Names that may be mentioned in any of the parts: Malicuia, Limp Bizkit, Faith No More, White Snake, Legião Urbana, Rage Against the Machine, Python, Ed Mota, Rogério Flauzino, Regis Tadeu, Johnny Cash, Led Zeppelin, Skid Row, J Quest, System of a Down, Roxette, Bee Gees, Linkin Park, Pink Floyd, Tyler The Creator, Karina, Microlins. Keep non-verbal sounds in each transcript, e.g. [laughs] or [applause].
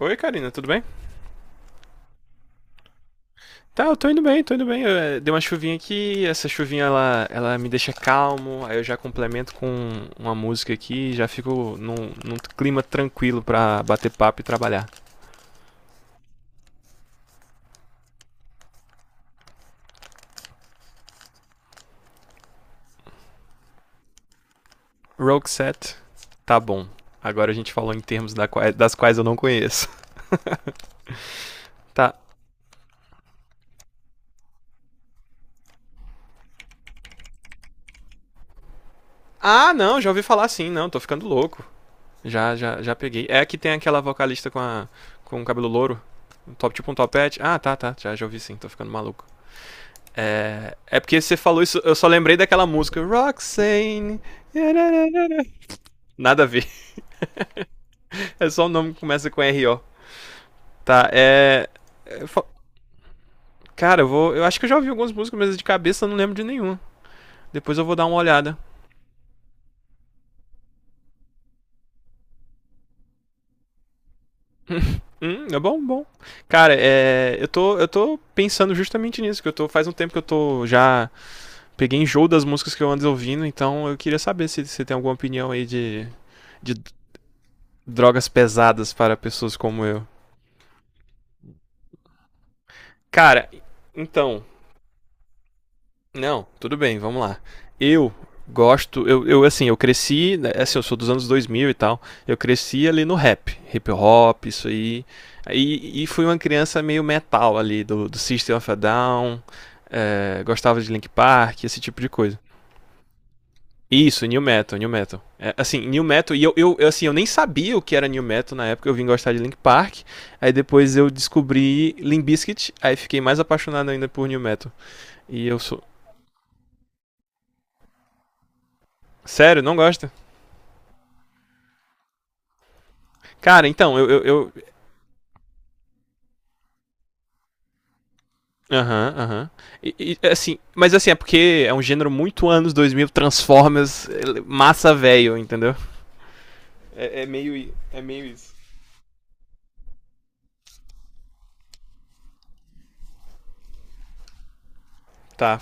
Oi, Karina, tudo bem? Tá, eu tô indo bem, tô indo bem. Eu, dei uma chuvinha aqui, essa chuvinha ela me deixa calmo, aí eu já complemento com uma música aqui, e já fico num clima tranquilo pra bater papo e trabalhar. Roxette, tá bom. Agora a gente falou em termos das quais eu não conheço. [laughs] Tá. Ah, não, já ouvi falar sim, não, tô ficando louco. Já peguei. É que tem aquela vocalista com o cabelo louro, um top, tipo um topete. Ah, tá, tá, já, já ouvi sim, tô ficando maluco. É porque você falou isso, eu só lembrei daquela música Roxane. Nada a ver. [laughs] É só um nome que começa com R. RO. Tá, é. Cara, eu vou. Eu acho que eu já ouvi algumas músicas, mas de cabeça eu não lembro de nenhuma. Depois eu vou dar uma olhada. É bom, bom. Cara, é, eu tô pensando justamente nisso, que eu tô. Faz um tempo que eu tô já. Peguei enjoo das músicas que eu ando ouvindo, então eu queria saber se você tem alguma opinião aí de drogas pesadas para pessoas como eu. Cara, então. Não, tudo bem, vamos lá. Eu gosto, eu assim, eu cresci, né, é assim, eu sou dos anos 2000 e tal, eu cresci ali no rap, hip hop, isso aí, e fui uma criança meio metal ali, do System of a Down, é, gostava de Linkin Park, esse tipo de coisa. Isso, New Metal, New Metal. É, assim, New Metal, e assim, eu nem sabia o que era New Metal na época, eu vim gostar de Linkin Park, aí depois eu descobri Limp Bizkit, aí fiquei mais apaixonado ainda por New Metal. E eu sou... Sério, não gosta? Cara, então, aham, aham. Assim, mas assim, é porque é um gênero muito anos 2000, Transformers, ele- massa velho, entendeu? É, é meio. É meio isso. Tá.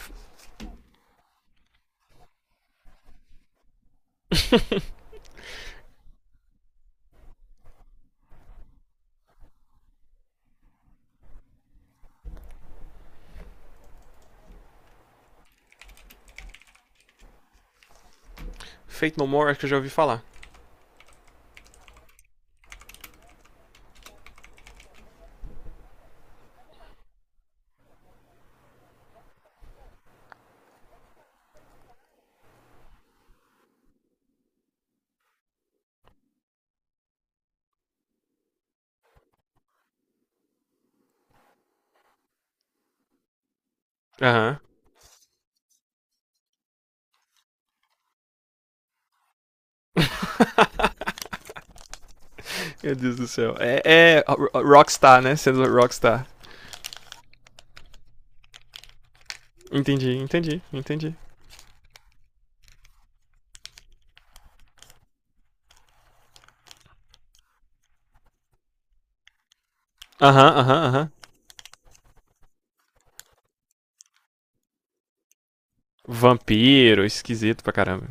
Fate No More, acho que eu já ouvi falar. Aham. Meu Deus do céu. É Rockstar, né? Sendo Rockstar. Entendi, entendi, entendi. Aham, aham, aham. Vampiro, esquisito pra caramba.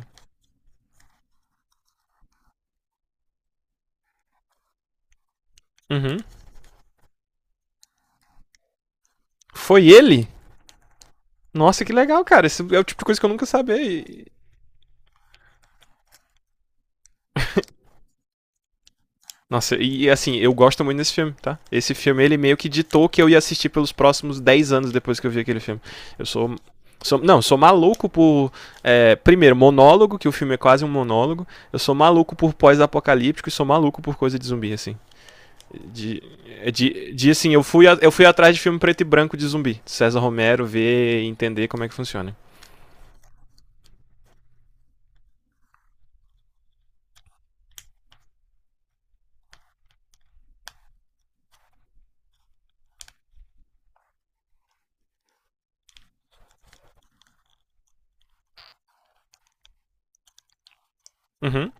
Uhum. Foi ele? Nossa, que legal, cara. Esse é o tipo de coisa que eu nunca sabia. E- Nossa, e assim, eu gosto muito desse filme, tá? Esse filme, ele meio que ditou que eu ia assistir pelos próximos 10 anos depois que eu vi aquele filme. Eu sou. Sou não, sou maluco por. É, primeiro, monólogo, que o filme é quase um monólogo. Eu sou maluco por pós-apocalíptico e sou maluco por coisa de zumbi, assim. De, é de assim, eu fui atrás de filme preto e branco de zumbi. César Romero, ver e entender como é que funciona. Uhum.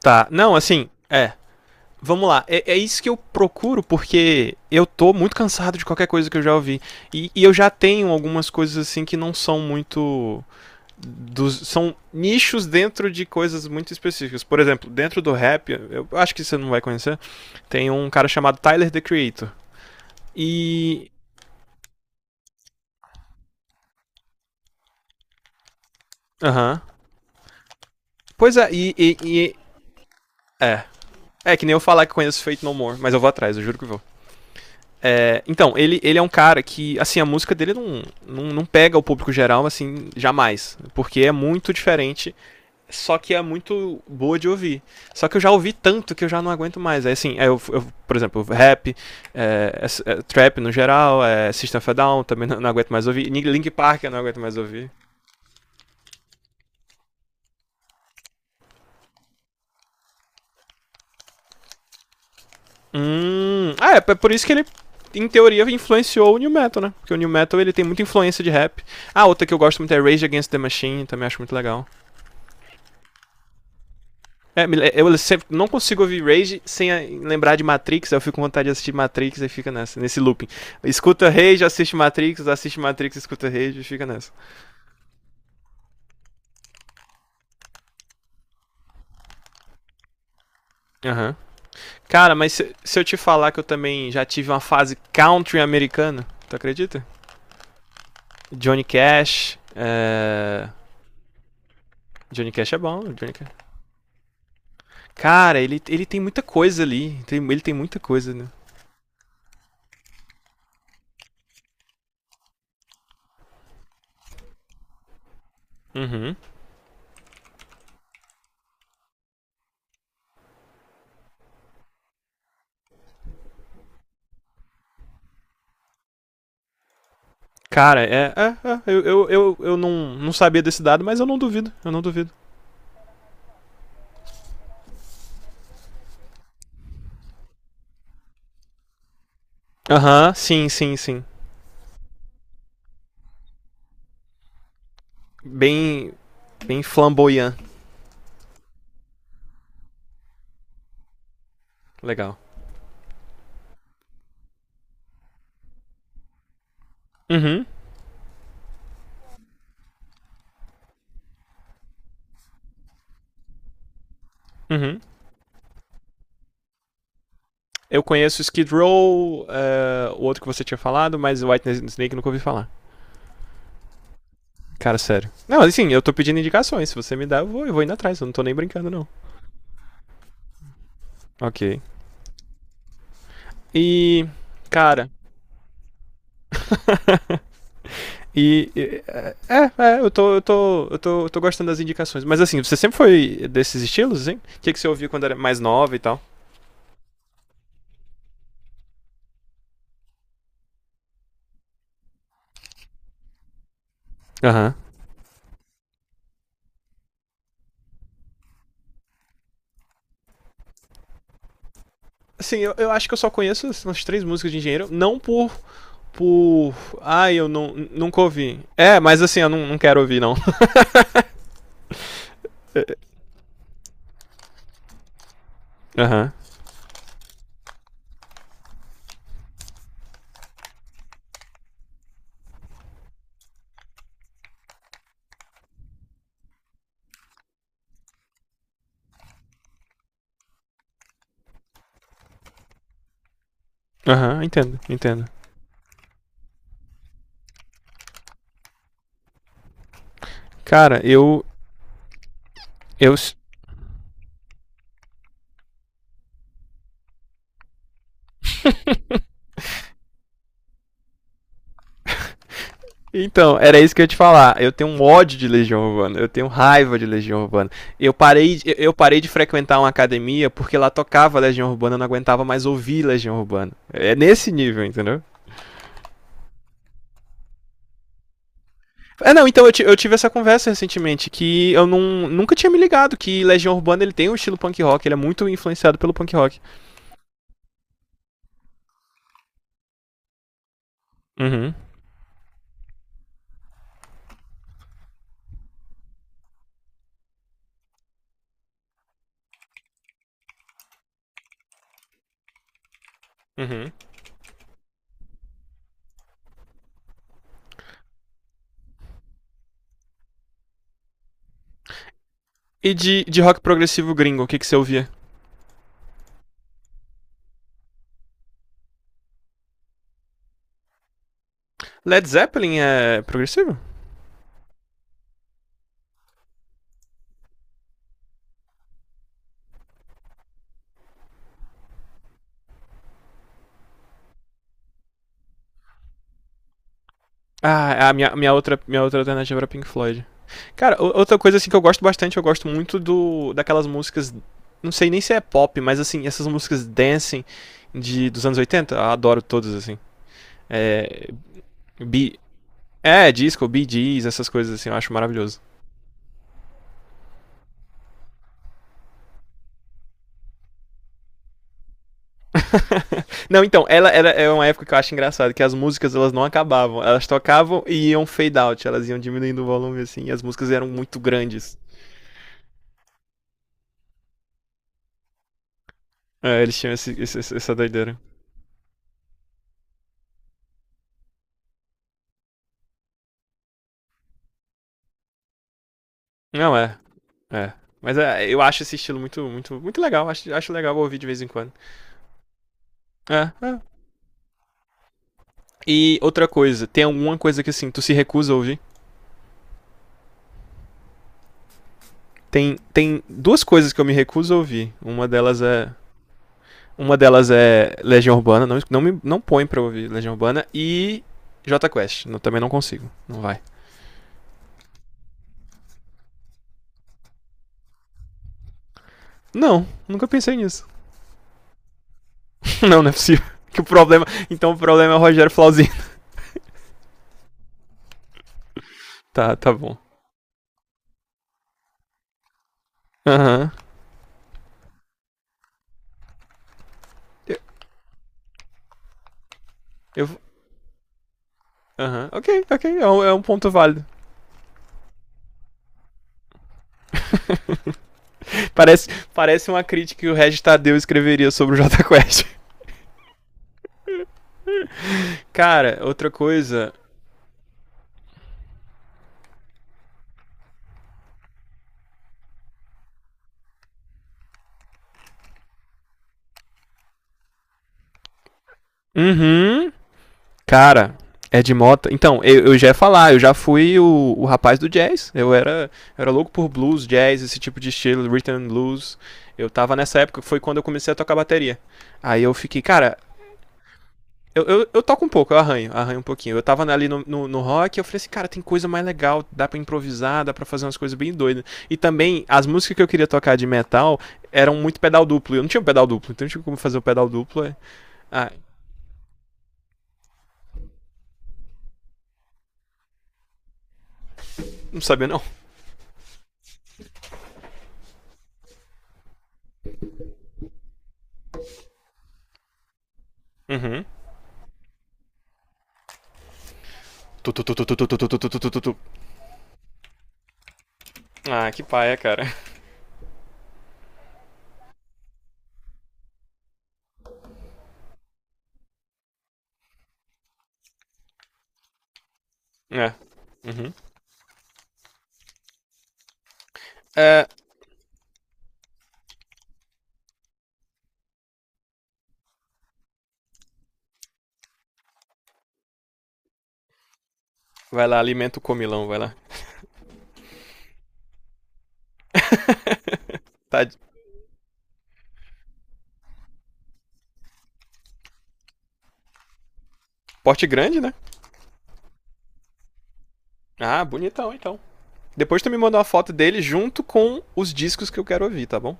Tá, não, assim, é. Vamos lá, é, é isso que eu procuro, porque eu tô muito cansado de qualquer coisa que eu já ouvi. E eu já tenho algumas coisas assim que não são muito. Dos, são nichos dentro de coisas muito específicas. Por exemplo, dentro do rap, eu acho que você não vai conhecer, tem um cara chamado Tyler The Creator. E. Aham. Uhum. Pois é, é. É que nem eu falar que conheço Faith No More, mas eu vou atrás, eu juro que vou. É, então, ele é um cara que, assim, a música dele não, não, não pega o público geral, assim, jamais. Porque é muito diferente, só que é muito boa de ouvir. Só que eu já ouvi tanto que eu já não aguento mais. É assim, é, eu, por exemplo, rap, é, é, é, trap no geral, é, System of a Down também não, não aguento mais ouvir. Linkin Park eu não aguento mais ouvir. Ah, é, é por isso que ele em teoria influenciou o New Metal, né? Porque o New Metal ele tem muita influência de rap. Ah, outra que eu gosto muito é Rage Against the Machine, também acho muito legal. É, eu sempre não consigo ouvir Rage sem lembrar de Matrix, eu fico com vontade de assistir Matrix e fica nessa, nesse looping. Escuta Rage, assiste Matrix, escuta Rage e fica nessa. Uhum. Cara, mas se, eu te falar que eu também já tive uma fase country americana, tu acredita? Johnny Cash, é... Johnny Cash é bom, Johnny Cash. Cara, ele tem muita coisa ali, tem, ele tem muita coisa, né? Uhum. Cara, é, é, é eu não, não sabia desse dado, mas eu não duvido, eu não duvido. Aham, sim, sim, sim. Bem, bem flamboyant. Legal. Uhum, uhum. Eu conheço Skid Row, o outro que você tinha falado, mas White Snake eu nunca ouvi falar. Cara, sério. Não, assim, eu tô pedindo indicações. Se você me dá, eu vou indo atrás. Eu não tô nem brincando, não. Ok. E, cara, e... é, é, eu tô gostando das indicações. Mas assim, você sempre foi desses estilos, hein? O que, que você ouvia quando era mais nova e tal? Aham. Assim, eu acho que eu só conheço umas três músicas de engenheiro, não por. Por. Ai, eu não, nunca ouvi. É, mas assim, eu não, não quero ouvir, não. Aham. [laughs] uhum. Aham, uhum, entendo, entendo. Cara, eu. Eu. Então, era isso que eu ia te falar. Eu tenho um ódio de Legião Urbana. Eu tenho raiva de Legião Urbana. Eu parei, eu parei de frequentar uma academia porque lá tocava Legião Urbana, eu não aguentava mais ouvir Legião Urbana. É nesse nível, entendeu? É, não, então eu tive essa conversa recentemente, que eu não, nunca tinha me ligado que Legião Urbana ele tem um estilo punk rock, ele é muito influenciado pelo punk rock. Uhum, uhum. E de rock progressivo gringo, o que, que você ouvia? Led Zeppelin é progressivo? Ah, a minha, minha outra alternativa era Pink Floyd. Cara, outra coisa assim que eu gosto bastante, eu gosto muito do daquelas músicas, não sei nem se é pop, mas assim, essas músicas dancing de, dos anos 80, eu adoro todas, assim. É, Be- É, disco, Bee Gees, essas coisas assim, eu acho maravilhoso. Não, então, ela era é uma época que eu acho engraçado, que as músicas elas não acabavam, elas tocavam e iam fade out, elas iam diminuindo o volume assim, e as músicas eram muito grandes. É, eles tinham esse, esse- essa doideira. Não é, é. Mas é, eu acho esse estilo muito, muito, muito legal. Acho, acho legal ouvir de vez em quando. É, é. E outra coisa, tem alguma coisa que assim, tu se recusa a ouvir? Tem duas coisas que eu me recuso a ouvir. Uma delas é Legião Urbana, não, não, me, não põe pra ouvir Legião Urbana. E J Quest, não- também não consigo, não vai. Não, nunca pensei nisso. [laughs] não, não é possível. [laughs] Que o problema. Então o problema é o Rogério Flauzino. [laughs] Tá, tá bom. Aham. Eu- Eu. Aham. Uhum. Ok, ok. É um ponto válido. [laughs] Parece, parece uma crítica que o Regis Tadeu escreveria sobre o Jota Quest. Cara, outra coisa. Uhum. Cara, Ed Mota. Então, eu já ia falar, eu já fui o rapaz do jazz. Eu era louco por blues, jazz, esse tipo de estilo, rhythm and blues. Eu tava nessa época, foi quando eu comecei a tocar bateria. Aí eu fiquei, cara, eu toco um pouco, eu arranho, arranho um pouquinho. Eu tava ali no rock, eu falei assim, cara, tem coisa mais legal, dá pra improvisar, dá pra fazer umas coisas bem doidas. E também, as músicas que eu queria tocar de metal eram muito pedal duplo. Eu não tinha um pedal duplo, então eu não tinha como fazer o pedal duplo. É- Ah, não sabia não. Uhum. Tu, tu, tu, tu, tu, tu, tu, tu, tu, tu, tu, tu, tu. Ah, que paia, cara. É. É, vai lá, alimenta o comilão, vai lá. Tá de porte grande, né? Ah, bonitão, então. Depois tu me manda uma foto dele junto com os discos que eu quero ouvir, tá bom?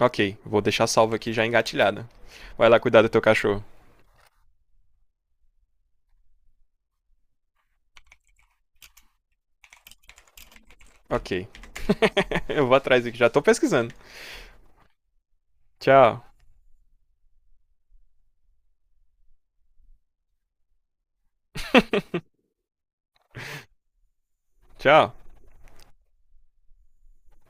Ok, vou deixar salvo aqui já engatilhada. Vai lá cuidar do teu cachorro. Ok, [laughs] eu vou atrás aqui, já tô pesquisando. Tchau, tchau.